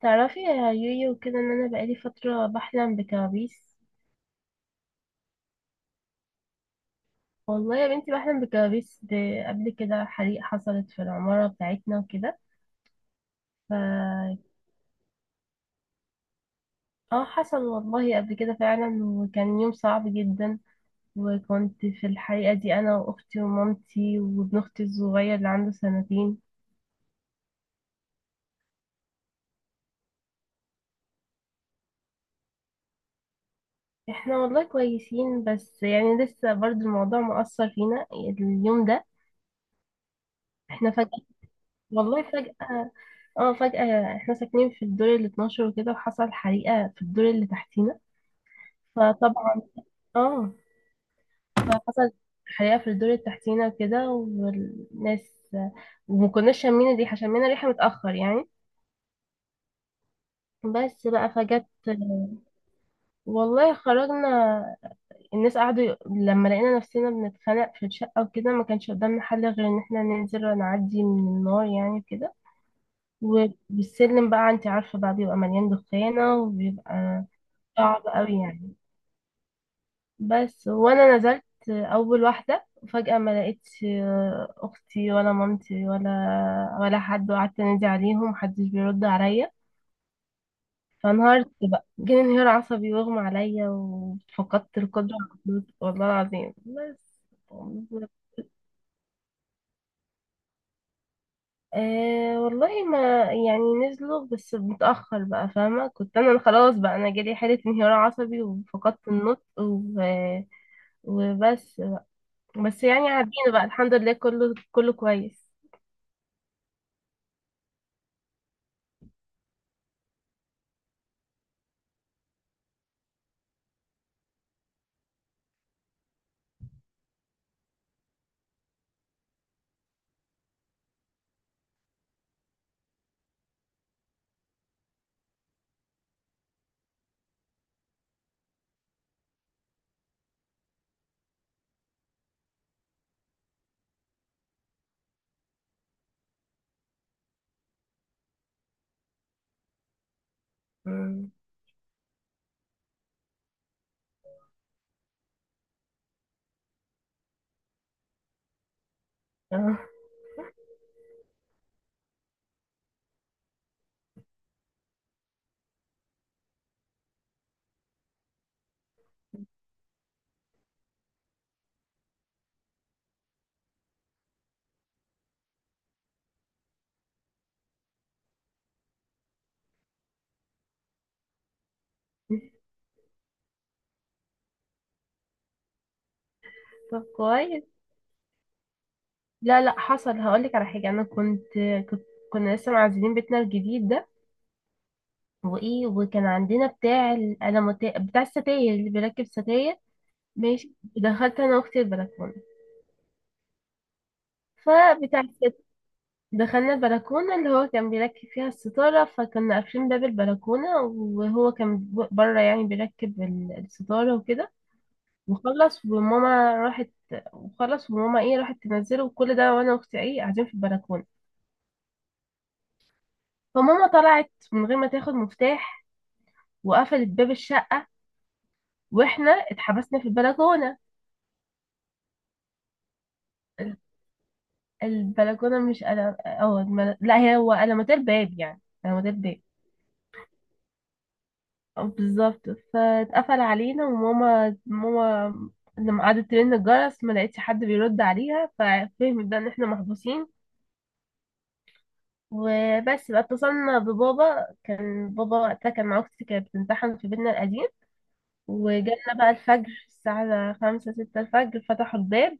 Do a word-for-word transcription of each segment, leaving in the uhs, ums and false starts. تعرفي يا يويو كده ان انا بقالي فترة بحلم بكوابيس. والله يا بنتي بحلم بكوابيس، ب- قبل كده حريق حصلت في العمارة بتاعتنا وكده. ف اه حصل والله قبل كده فعلا، وكان يوم صعب جدا. وكنت في الحريقة دي انا واختي ومامتي وابن اختي الصغير اللي عنده سنتين. احنا والله كويسين، بس يعني لسه برضو الموضوع مؤثر فينا اليوم ده. احنا والله فجأة، اه فجأة احنا ساكنين في الدور ال اثنا عشر وكده، وحصل حريقة في الدور اللي تحتينا. فطبعا، اه فحصل حريقة في الدور اللي تحتينا وكده، والناس، وما كناش شامين الريحة، شمينا الريحة متأخر يعني، بس بقى فجت. والله خرجنا، الناس قعدوا ي- لما لقينا نفسنا بنتخانق في الشقة وكده، ما كانش قدامنا حل غير ان احنا ننزل ونعدي من النار يعني كده. والسلم بقى، انت عارفة بقى بيبقى مليان دخانة وبيبقى صعب قوي يعني. بس وانا نزلت اول واحده وفجاه ما لقيتش اختي ولا مامتي ولا ولا حد، وقعدت انادي عليهم محدش بيرد عليا، فانهارت بقى، جالي انهيار عصبي واغمى عليا وفقدت القدره على النطق والله العظيم بس. آه والله ما يعني نزلوا بس متأخر بقى، فاهمة، كنت أنا خلاص بقى، أنا جالي حالة انهيار عصبي وفقدت النطق و- وبس. بس يعني عدينا بقى، الحمد لله، كله كله كويس. مم. اه، طب كويس. لا، لا، حصل، هقولك على حاجة. أنا كنت كنت كنا لسه معزلين بيتنا الجديد ده. وإيه، وكان عندنا بتاع الألموتي بتاع الستاير اللي بيركب ستاير. ماشي، دخلت أنا وأختي البلكونة، فبتاع الست- دخلنا البلكونة اللي هو كان بيركب فيها الستارة، فكنا قافلين باب البلكونة وهو كان بره يعني بيركب ال- الستارة وكده. وخلص وماما راحت وخلص وماما، ايه، راحت تنزله وكل ده، وانا واختي، ايه، قاعدين في البلكونه. فماما طلعت من غير ما تاخد مفتاح وقفلت باب الشقه، واحنا اتحبسنا في البلكونه. البلكونه مش قلم، اه الم- لا، هي هو قلمات الباب، يعني قلمات الباب. اه بالظبط، فاتقفل علينا. وماما ماما لما قعدت ترن الجرس ما لقيتش حد بيرد عليها، ففهمت بقى ان احنا محبوسين. وبس بقى اتصلنا ببابا، كان بابا وقتها كان مع اختي، كانت بتمتحن في بيتنا القديم. وجالنا بقى الفجر الساعة خمسة ستة الفجر، فتحوا الباب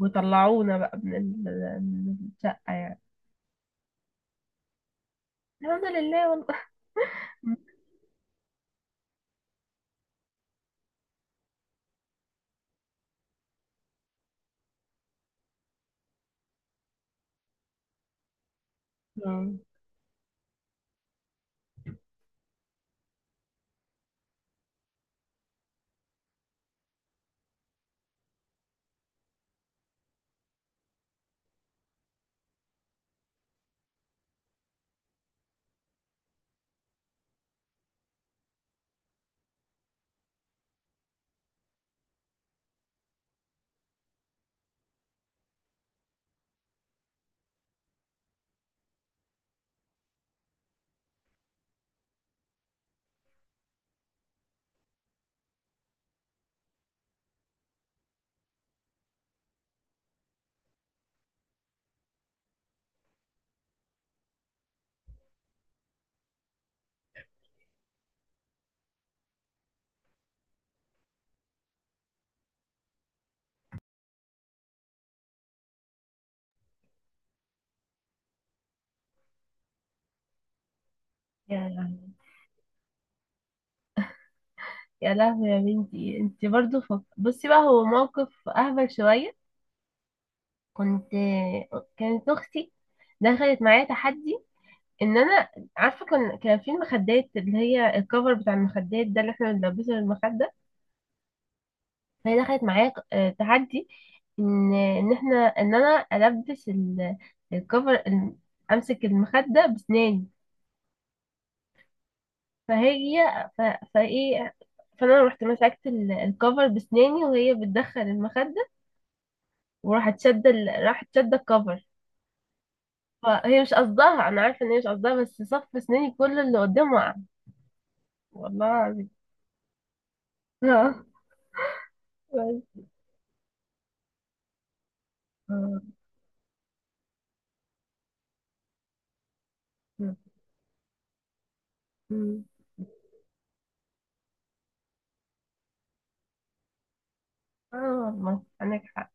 وطلعونا بقى من ال- من الشقة يعني. الحمد لله والله. آه. يا لهوي. يا لهوي يا بنتي، انت برضو فك... بصي بقى، هو موقف اهبل شوية. كنت كانت اختي دخلت معايا تحدي، ان انا، عارفه، كان كان في المخدات اللي هي الكفر بتاع المخدات ده اللي احنا بنلبسه للمخده. فهي دخلت معايا، آه، تحدي، ان ان احنا، ان انا البس ال- الكفر ال- امسك المخده بسناني. فهي ف- فايه فانا رحت مسكت ال- الكفر بسناني، وهي بتدخل المخده. وراحت شاده ال- راحت شاده الكفر. فهي مش قصدها، انا عارفه ان هي مش قصدها، بس صف سناني كله اللي قدامه وقع. والله العظيم. آه. بس. آه. مم. اه والله عندك حق.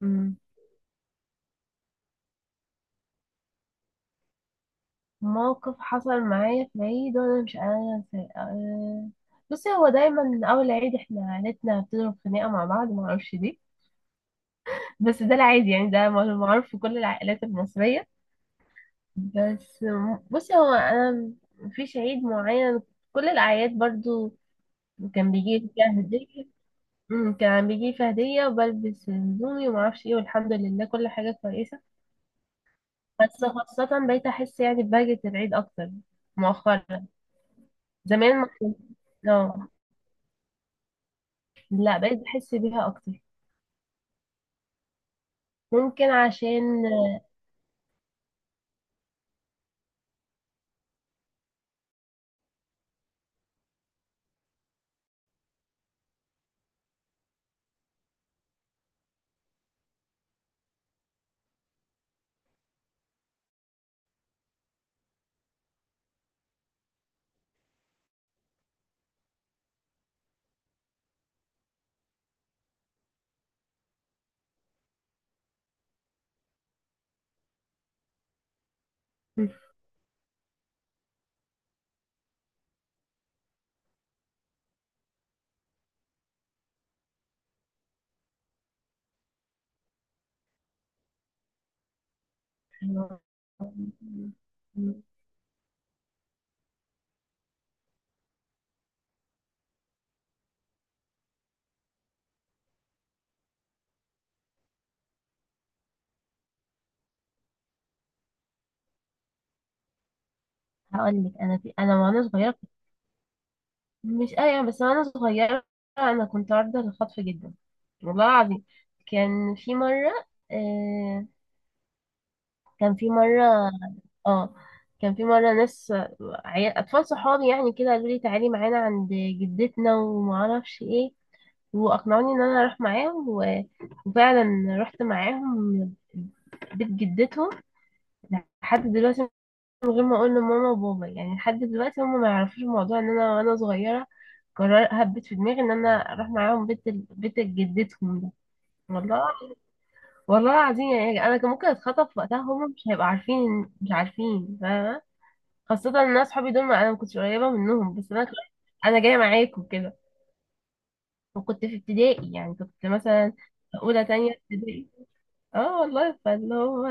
مم. موقف حصل معايا في العيد وانا مش قادرة انساه، آه، بصي، هو دايما اول عيد احنا عيلتنا بتضرب خناقة مع بعض، ما اعرفش ليه. بس ده العادي يعني، ده معروف في كل العائلات المصرية. بس، بصي، هو انا مفيش عيد معين، كل الاعياد برضو كان بيجي لي فيها هدية. مم، كان بيجي لي فيها هدية وبلبس هدومي وما اعرفش ايه، والحمد لله كل حاجة كويسة. بس خاصة بقيت أحس يعني ببهجة العيد أكتر مؤخرا. زمان ما كنت، اه، لا، بقيت بحس بيها أكتر. ممكن عشان. هقول لك أنا، في أنا وأنا صغيرة كنت- مش، أيوة، بس وأنا صغيرة أنا كنت عارضة للخطف جدا، والله العظيم. كان في مرة آه كان في مرة اه كان في مرة ناس، عيال أطفال صحابي يعني كده، قالوا لي تعالي معانا عند جدتنا ومعرفش ايه. واقنعوني ان انا اروح معاهم و- وفعلا رحت معاهم بيت جدتهم لحد دلوقتي، من غير ما اقول لماما وبابا، يعني لحد دلوقتي هم ما يعرفوش الموضوع ان انا وانا صغيره. قرار هبت في دماغي ان انا اروح معاهم بيت ال- بيت جدتهم ده، والله. والله العظيم يعني انا كان ممكن اتخطف وقتها، هم مش هيبقوا عارفين، مش عارفين، فاهمه. خاصه ان انا اصحابي دول ما- انا ما كنتش قريبه منهم، بس انا، انا جايه معاكم كده. وكنت في ابتدائي يعني، كنت مثلا اولى تانية ابتدائي. اه والله فاللي هو،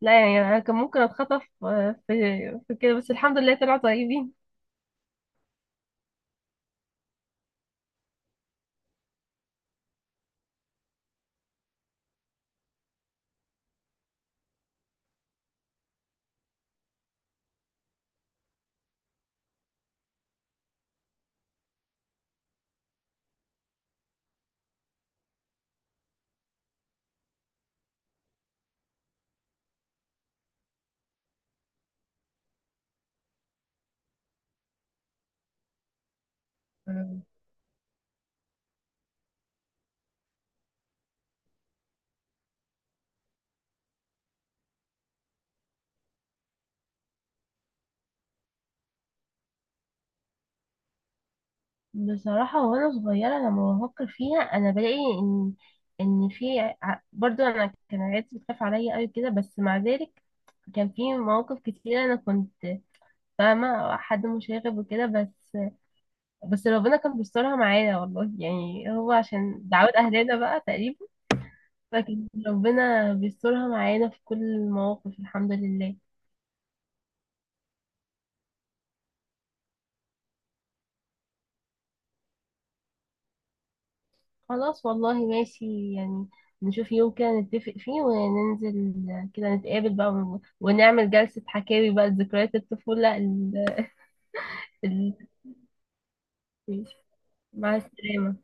لا يعني انا كان ممكن اتخطف، آه، في في كده، بس الحمد لله طلعوا طيبين. مم. بصراحة وأنا صغيرة لما بفكر فيها أنا بلاقي إن إن في ع- برضو أنا كان عيلتي بتخاف عليا أوي كده، بس مع ذلك كان في مواقف كتيرة. أنا كنت فاهمة حد مشاغب وكده، بس بس ربنا كان بيسترها معانا والله يعني، هو عشان دعوات أهلنا بقى تقريبا. فكان ربنا بيسترها معانا في كل المواقف، الحمد لله. خلاص والله ماشي يعني، نشوف يوم كده نتفق فيه وننزل كده نتقابل بقى، ون- ونعمل جلسة حكاوي بقى، ذكريات الطفولة ال... ال... مع السلامة.